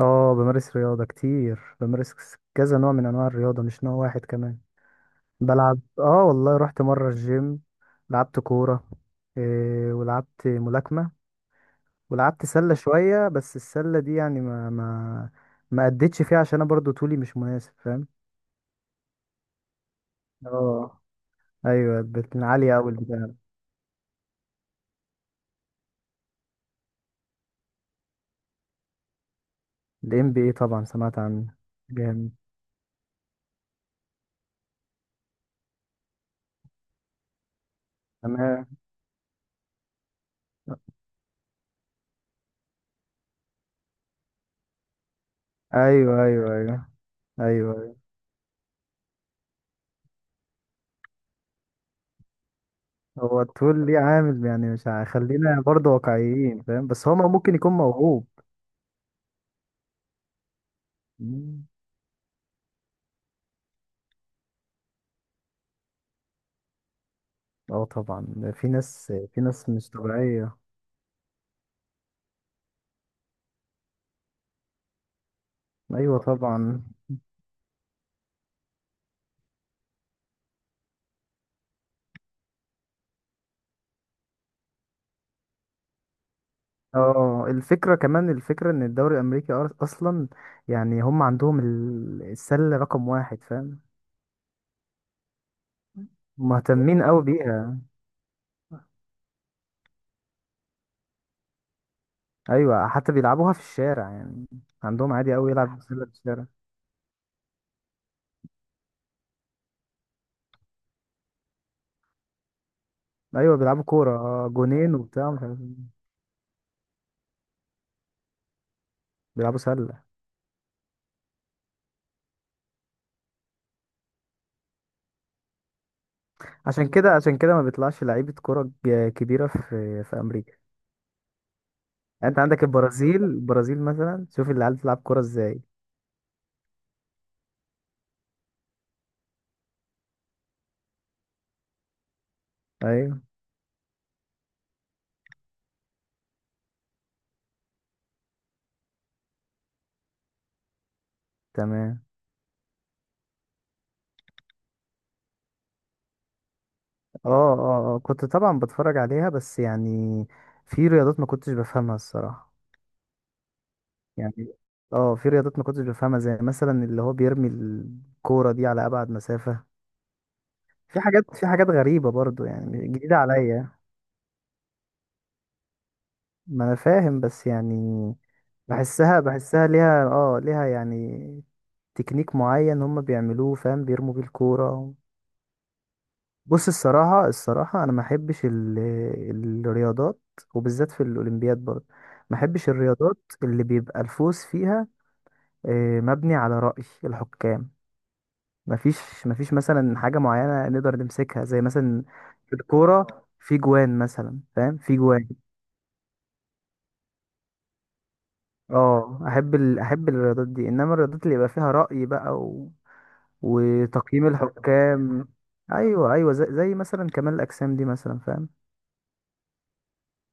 اه، بمارس رياضة كتير. بمارس كذا نوع من انواع الرياضة، مش نوع واحد كمان. بلعب، اه والله رحت مرة الجيم، لعبت كورة، إيه، ولعبت ملاكمة، ولعبت سلة شوية. بس السلة دي يعني ما ما أديتش فيها عشان انا برضو طولي مش مناسب، فاهم؟ اه. ايوه، عالية اوي البتاع. ال NBA طبعا سمعت عنه. جامد. تمام. ايوه ايوه ايوه ايوه. هو الطول ليه عامل يعني، مش خلينا برضه واقعيين فاهم، بس هو ممكن يكون موهوب. مم. اه طبعا، في ناس، في ناس مش طبيعية. ايوه طبعا. اه، الفكرة كمان، الفكرة ان الدوري الامريكي اصلا يعني هم عندهم السلة رقم واحد، فاهم؟ مهتمين قوي بيها. ايوه، حتى بيلعبوها في الشارع يعني، عندهم عادي قوي يلعبوا سلة في الشارع. ايوه بيلعبوا كورة آه، جونين وبتاع مش عارف إيه. بيلعبوا سلة. عشان كده، عشان كده ما بيطلعش لعيبة كرة كبيرة في أمريكا. يعني أنت عندك البرازيل، البرازيل مثلا، شوف العيال بتلعب كرة إزاي. أيوه. تمام. أه أه أه، كنت طبعا بتفرج عليها بس يعني في رياضات ما كنتش بفهمها الصراحة. يعني أه، في رياضات ما كنتش بفهمها، زي مثلا اللي هو بيرمي الكورة دي على أبعد مسافة. في حاجات، في حاجات غريبة برضو، يعني جديدة عليا. ما أنا فاهم بس يعني بحسها، بحسها ليها اه، ليها يعني تكنيك معين هم بيعملوه، فاهم؟ بيرموا بيه الكورة. بص الصراحة، الصراحة أنا ما أحبش الرياضات، وبالذات في الأولمبياد برضه، ما أحبش الرياضات اللي بيبقى الفوز فيها آه، مبني على رأي الحكام. ما فيش، ما فيش مثلا حاجة معينة نقدر نمسكها زي مثلا في الكورة. في جوان مثلا، فاهم؟ في جوان. اه، احب ال... احب الرياضات دي، انما الرياضات اللي يبقى فيها رأي بقى و... وتقييم الحكام. ايوه ايوه، زي مثلا كمال الاجسام دي مثلا، فاهم؟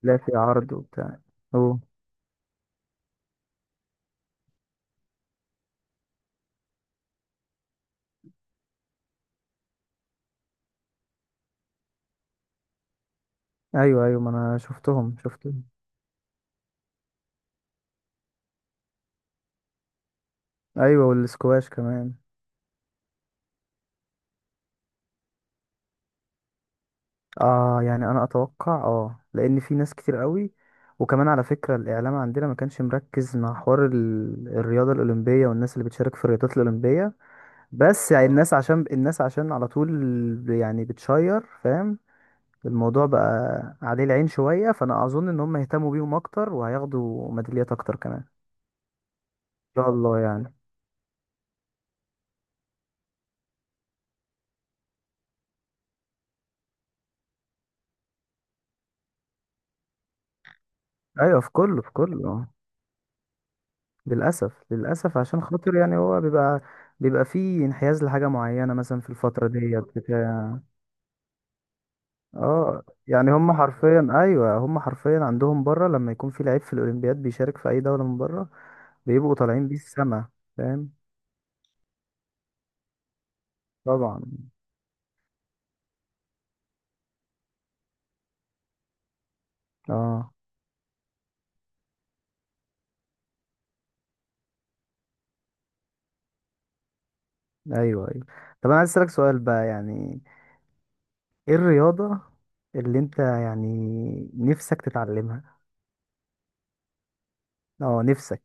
لا، في عرض وبتاع. اوه. ايوه ايوه، ما انا شفتهم، شفتهم. ايوه، والسكواش كمان. اه يعني انا اتوقع، اه، لان في ناس كتير قوي. وكمان على فكرة الاعلام عندنا ما كانش مركز مع حوار ال... الرياضة الاولمبية والناس اللي بتشارك في الرياضات الاولمبية. بس يعني آه، الناس عشان الناس عشان على طول يعني بتشير، فاهم؟ الموضوع بقى عليه العين شوية، فأنا أظن إن هم يهتموا بيهم أكتر وهياخدوا ميداليات أكتر كمان، إن شاء الله يعني. أيوة، في كله، في كله آه. للأسف، للأسف عشان خاطر يعني هو بيبقى، بيبقى فيه انحياز لحاجة معينة مثلا في الفترة ديت بتاع. اه يعني هم حرفيا، ايوه هم حرفيا عندهم بره لما يكون في لعيب في الاولمبياد بيشارك في اي دولة من بره، بيبقوا طالعين بيه السما، فاهم؟ طبعا. اه. ايوه ايوه. طب انا عايز اسالك سؤال بقى يعني، ايه الرياضه اللي انت يعني نفسك تتعلمها؟ اه، نفسك.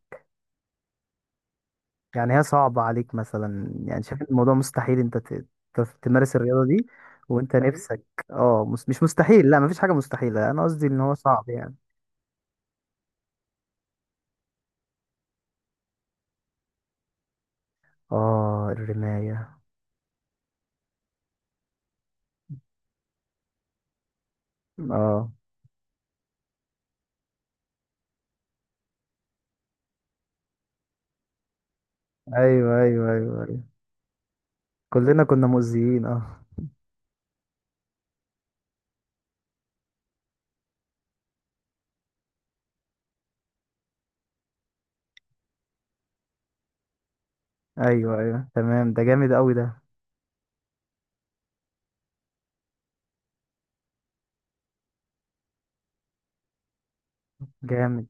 يعني هي صعبه عليك مثلا، يعني شايف إن الموضوع مستحيل انت تمارس الرياضه دي، وانت مستحيل نفسك؟ اه، مش مستحيل، لا مفيش حاجه مستحيله، انا قصدي ان هو صعب يعني. اه، الرمايه. اه ايوه ايوه ايوه ايوه، كلنا كنا مؤذيين اه. ايوه ايوه تمام، ده جامد قوي ده. جامد.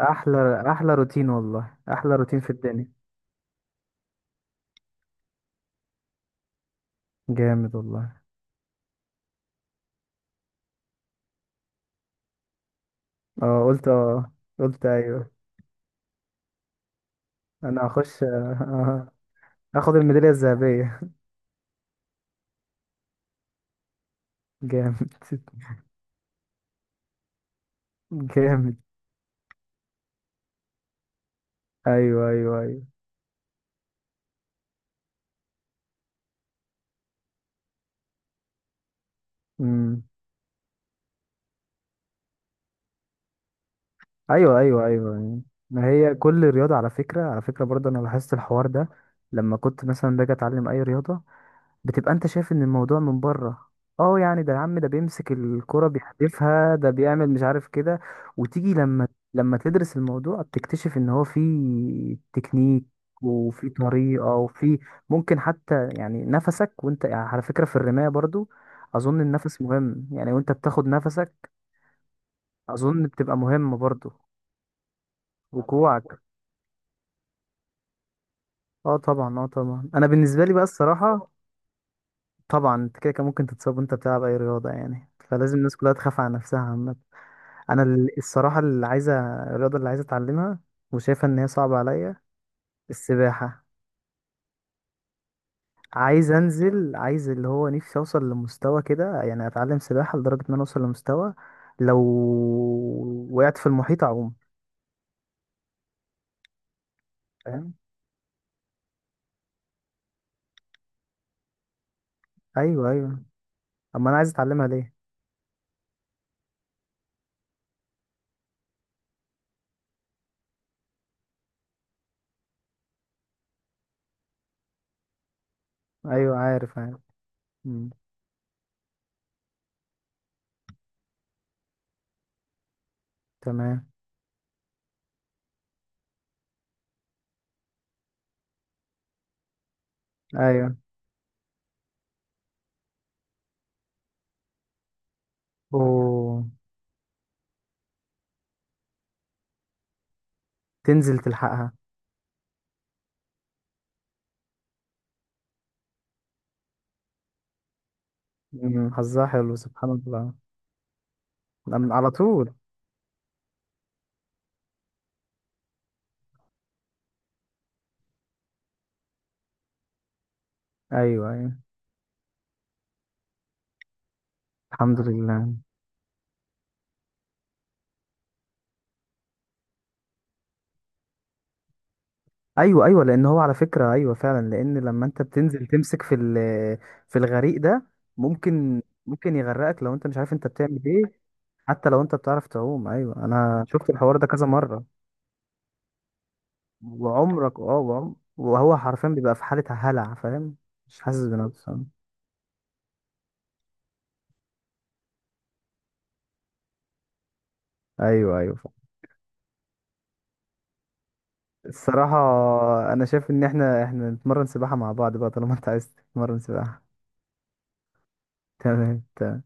احلى، احلى روتين والله، احلى روتين في الدنيا. جامد والله. اه قلت اه. قلت ايوه، انا هخش آه، هاخد الميدالية الذهبية. جامد جامد. ايوه ايوه ايوه. امم. ايوه ايوه ايوه أيوة. ما هي كل رياضة، على فكرة، على فكرة برضه انا لاحظت الحوار ده، لما كنت مثلا باجي اتعلم اي رياضة بتبقى انت شايف ان الموضوع من بره. اه يعني ده يا عم، ده بيمسك الكرة بيحدفها، ده بيعمل مش عارف كده. وتيجي لما، لما تدرس الموضوع بتكتشف ان هو في تكنيك، وفي طريقة، وفي ممكن حتى يعني نفسك وانت، يعني على فكرة في الرماية برضو اظن النفس مهم، يعني وانت بتاخد نفسك اظن بتبقى مهمة برضو. وكوعك. اه طبعا اه طبعا، انا بالنسبة لي بقى الصراحة. طبعا انت كده كان ممكن تتصاب وانت بتلعب اي رياضة يعني، فلازم الناس كلها تخاف على نفسها عامة. انا الصراحه اللي عايزه، الرياضه اللي عايزه اتعلمها وشايفه ان هي صعبه عليا، السباحه. عايز انزل، عايز اللي هو نفسي اوصل لمستوى كده يعني، اتعلم سباحه لدرجه ان انا اوصل لمستوى لو وقعت في المحيط اعوم. فاهم؟ ايوه ايوه. اما انا عايز اتعلمها ليه. ايوه عارف عارف. مم. تمام. ايوه. اوه. تنزل تلحقها. مم، حظها حلو، سبحان الله. على طول. ايوه ايوه. الحمد لله. ايوه ايوه، لان هو على فكره، ايوه فعلا، لان لما انت بتنزل تمسك في في الغريق ده، ممكن، ممكن يغرقك لو انت مش عارف انت بتعمل ايه. حتى لو انت بتعرف تعوم، ايوه انا شفت الحوار ده كذا مره. وعمرك، اه، وهو حرفيا بيبقى في حاله هلع، فاهم؟ مش حاسس بنفسه. ايوه ايوه فاهم. الصراحه انا شايف ان احنا نتمرن سباحه مع بعض بقى، طالما انت عايز تتمرن سباحه. تمام تمام.